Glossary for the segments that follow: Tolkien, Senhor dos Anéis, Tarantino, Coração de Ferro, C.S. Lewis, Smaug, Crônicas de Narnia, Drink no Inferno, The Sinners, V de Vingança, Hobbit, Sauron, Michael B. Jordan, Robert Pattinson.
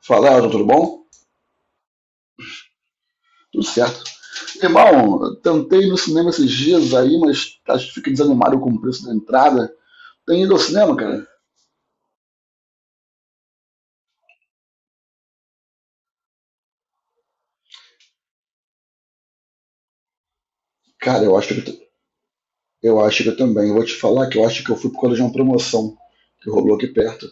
Fala, Elton, tudo bom? Tudo certo. Irmão, tentei ir no cinema esses dias aí, mas acho que fiquei desanimado com o preço da entrada. Tem ido ao cinema, cara? Cara, eu acho que eu também. Eu vou te falar que eu acho que eu fui por causa de uma promoção que rolou aqui perto.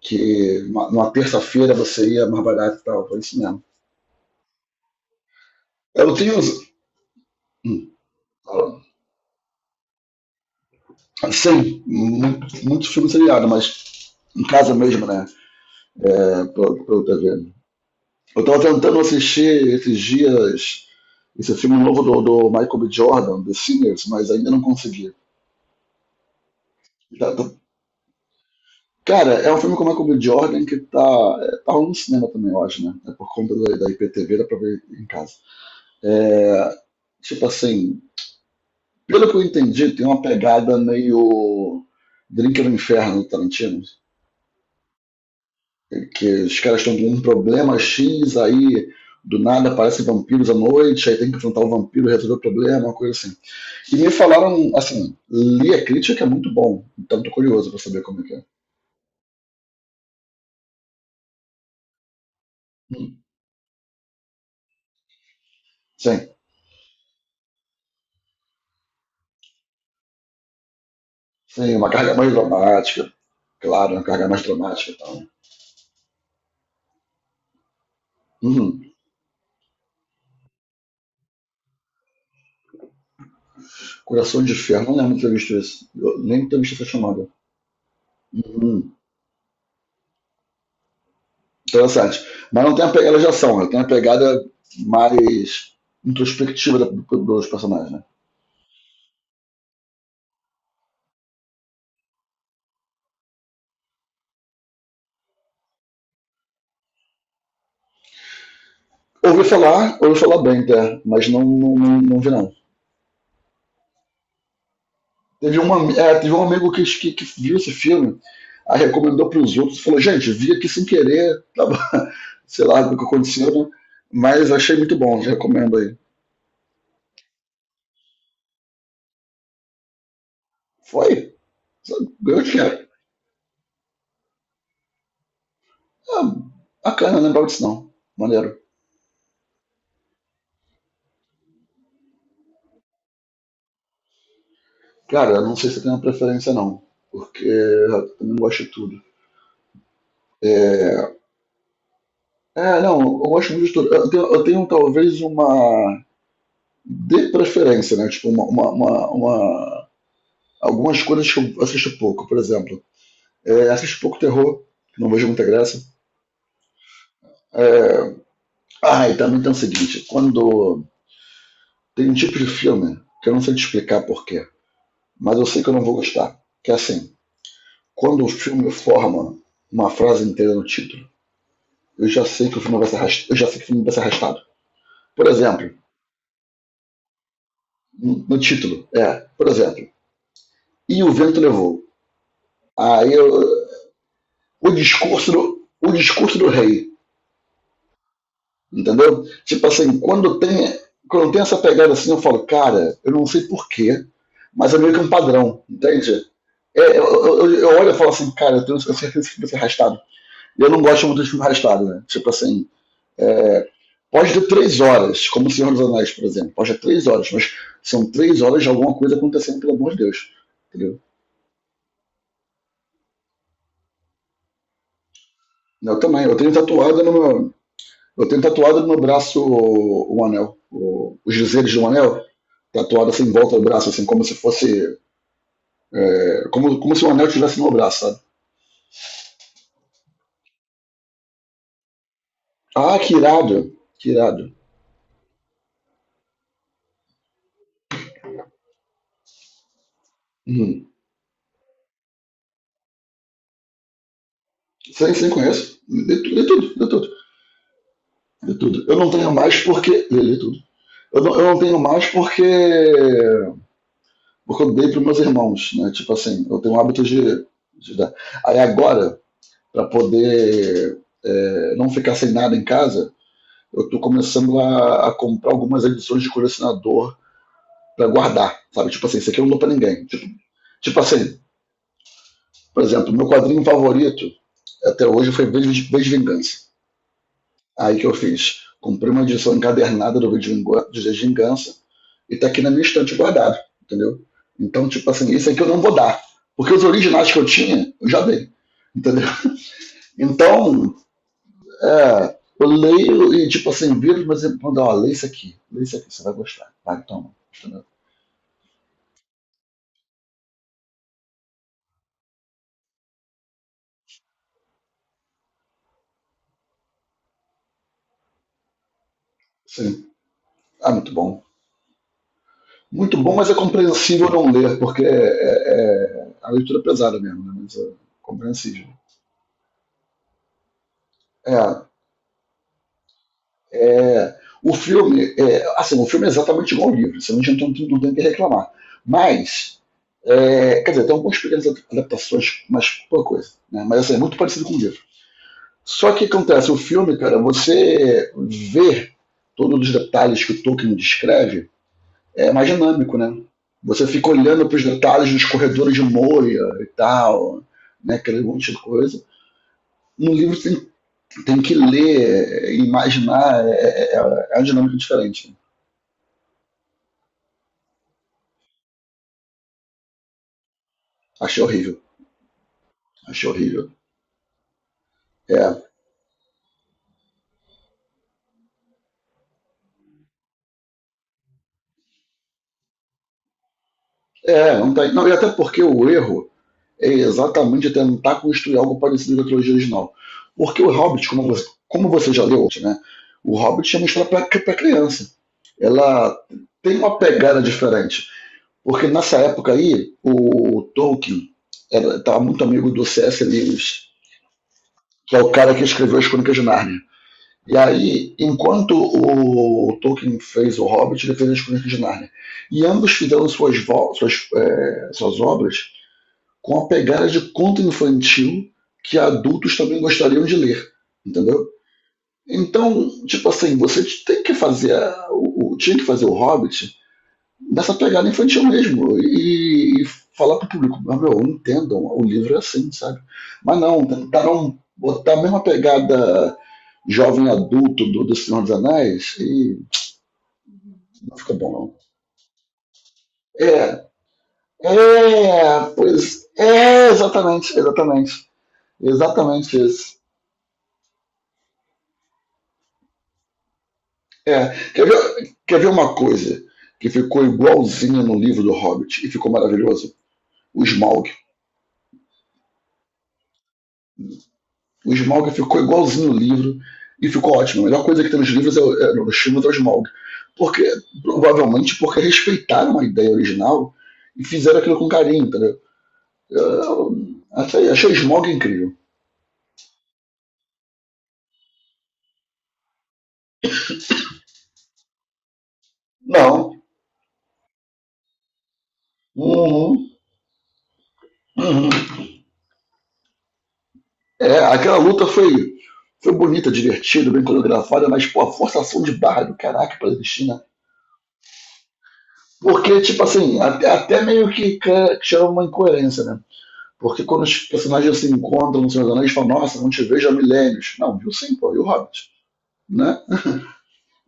Numa terça-feira você ia mais barato e tal. Foi isso mesmo. Eu tenho. hum, Sim, muito, muito filme seriado, mas em casa mesmo, né? É, pelo TV. Eu tava tentando assistir esses dias esse filme novo do Michael B. Jordan, The Sinners, mas ainda não consegui. Tá- tá- Cara, é um filme com o Michael B. Jordan que tá rolando no cinema também, eu acho, né? É por conta da IPTV, dá pra ver em casa. É, tipo assim, pelo que eu entendi, tem uma pegada meio Drink no Inferno do Tarantino, que os caras estão com um problema X, aí do nada aparecem vampiros à noite, aí tem que enfrentar o vampiro e resolver o problema, uma coisa assim. E me falaram, assim, li a crítica, é muito bom. Então tô curioso para saber como é que é. Hum. Sim, sim, uma carga mais dramática. Claro, uma carga mais dramática e então. Tal. Uhum. Coração de Ferro, não lembro de ter visto isso. Eu nem ter visto essa chamada. Uhum. Interessante. Mas não tem a pegada de ação, né? Tem a pegada mais introspectiva da, dos personagens. Né? Ouvi falar bem, até, mas não, não, não, não vi não. Teve um amigo que viu esse filme, aí recomendou para os outros, falou, gente, vi aqui sem querer, tava, sei lá o que aconteceu, né? Mas achei muito bom, recomendo aí. Foi, ganhou dinheiro. Ah, bacana, não lembrava disso não, maneiro. Cara, eu não sei se eu tenho uma preferência não, porque eu não gosto de tudo. É, é, não, eu gosto muito de tudo. Eu tenho talvez uma de preferência, né? Tipo, algumas coisas que eu assisto pouco, por exemplo. É, assisto pouco terror, não vejo muita graça. É... Ah, e também tem o seguinte: quando tem um tipo de filme que eu não sei te explicar porquê, mas eu sei que eu não vou gostar. Que é assim, quando o filme forma uma frase inteira no título, eu já sei que o filme vai ser arrastado. Eu já sei que o filme vai ser arrastado. Por exemplo, no título, por exemplo, e o vento levou. Aí eu, o discurso do rei. Entendeu? Tipo assim, quando tem essa pegada assim, eu falo, cara, eu não sei porquê, mas é meio que um padrão, entende? É, eu olho e falo assim, cara, eu tenho certeza que vai ser arrastado. E eu não gosto muito de filme arrastado, né? Tipo assim, é, pode ter 3 horas, como o Senhor dos Anéis, por exemplo. Pode ter três horas, mas são 3 horas de alguma coisa acontecendo, pelo amor de Deus. Entendeu? Eu também, eu tenho tatuado no braço o anel, os dizeres do anel, tatuado assim em volta do braço, assim, como se fosse. Como, se o anel estivesse no meu braço, sabe? Ah, que irado, que irado. Uhum. Sim, sim, conheço. Lê, lê tudo, lê tudo, lê tudo. Eu não tenho mais porque. Lê tudo. Eu não tenho mais porque. Porque eu dei para meus irmãos, né? Tipo assim, eu tenho o hábito de dar. Aí agora, para poder não ficar sem nada em casa, eu tô começando a comprar algumas edições de colecionador para guardar, sabe? Tipo assim, isso aqui eu não dou pra ninguém. Tipo assim, por exemplo, meu quadrinho favorito até hoje foi V de Vingança. Aí que eu fiz? Comprei uma edição encadernada do V de Vingança e tá aqui na minha estante guardado, entendeu? Então, tipo assim, isso aqui eu não vou dar. Porque os originais que eu tinha, eu já dei. Entendeu? Então, eu leio e, tipo assim, viro, mas ele manda, ó, lê isso aqui, você vai gostar. Vai, toma. Entendeu? Sim. Ah, muito bom. Muito bom, mas é compreensível não ler, porque a leitura é pesada mesmo, né? Mas é compreensível. É, é, o filme é exatamente igual ao livro, você não tem o que reclamar. Mas, quer dizer, tem algumas pequenas adaptações, mas pouca coisa, né? Mas, assim, é muito parecido com o livro. Só que acontece, o filme, cara, você vê todos os detalhes que o Tolkien descreve, é mais dinâmico, né? Você fica olhando para os detalhes dos corredores de Moria e tal, né? Aquele monte de coisa. No livro você tem que ler, imaginar, é uma dinâmica diferente. Achei horrível, achei horrível. É, é não, tá, não, e até porque o erro é exatamente tentar construir algo parecido com a trilogia original. Porque o Hobbit, como você já leu, né? O Hobbit é uma história para criança. Ela tem uma pegada diferente. Porque nessa época aí, o Tolkien estava muito amigo do C.S. Lewis, que é o cara que escreveu as Crônicas de Narnia. E aí, enquanto o Tolkien fez o Hobbit, ele fez as Crônicas de Narnia. E ambos fizeram suas obras com a pegada de conto infantil que adultos também gostariam de ler, entendeu? Então, tipo assim, você tem que fazer a, o, tinha que fazer o Hobbit nessa pegada infantil mesmo e falar pro público, ah, meu, entendam, o livro é assim, sabe? Mas não, tentaram botar a mesma pegada jovem adulto do Senhor dos Anéis e não fica bom não. É, é, pois é, exatamente, exatamente, exatamente isso. É, quer ver uma coisa que ficou igualzinha no livro do Hobbit e ficou maravilhoso? O Smaug. O Smaug ficou igualzinho no livro e ficou ótimo. A melhor coisa que tem nos livros, nos filmes, é o Smaug. Porque, provavelmente porque respeitaram a ideia original e fizeram aquilo com carinho, entendeu? Eu, achei o Smaug incrível. Não. Uhum. Uhum. É, aquela luta foi bonita, divertida, bem coreografada, mas, pô, a forçação de barra do caraca pra existir, né? Porque, tipo assim, até meio que chama uma incoerência, né? Porque quando os personagens se encontram no Senhor dos Anéis, falam, nossa, não te vejo há milênios. Não, viu sim, pô, e o Hobbit, né?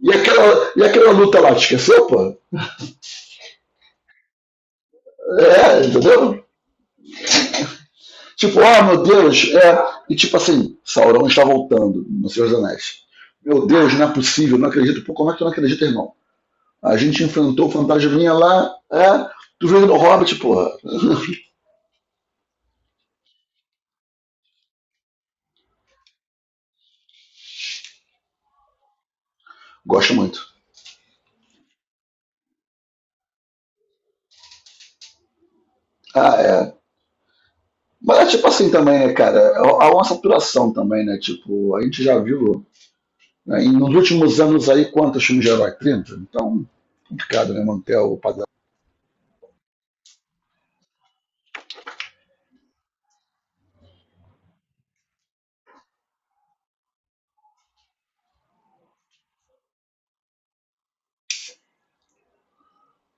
E aquela luta lá, te esqueceu, pô? É, entendeu? Tipo, ah, meu Deus, é. E tipo assim, Sauron está voltando no Senhor dos Anéis. Meu Deus, não é possível, não acredito. Pô, como é que tu não acredita, irmão? A gente enfrentou o fantasminha lá, é. Tu veio no Hobbit, porra. Gosto muito. Ah, é. Mas é tipo assim também, né, cara? Há uma saturação também, né? Tipo, a gente já viu né, nos últimos anos aí quantos filmes de herói? 30? Então, complicado, né? Manter o padrão.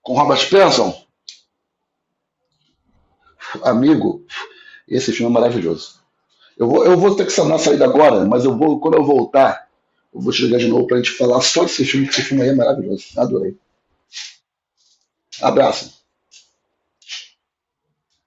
Com Robert Pattinson, amigo, esse filme é maravilhoso. Eu vou ter que sanar a saída agora, mas eu vou, quando eu voltar, eu vou te ligar de novo pra gente falar só desse filme, que esse filme aí é maravilhoso. Adorei. Abraço.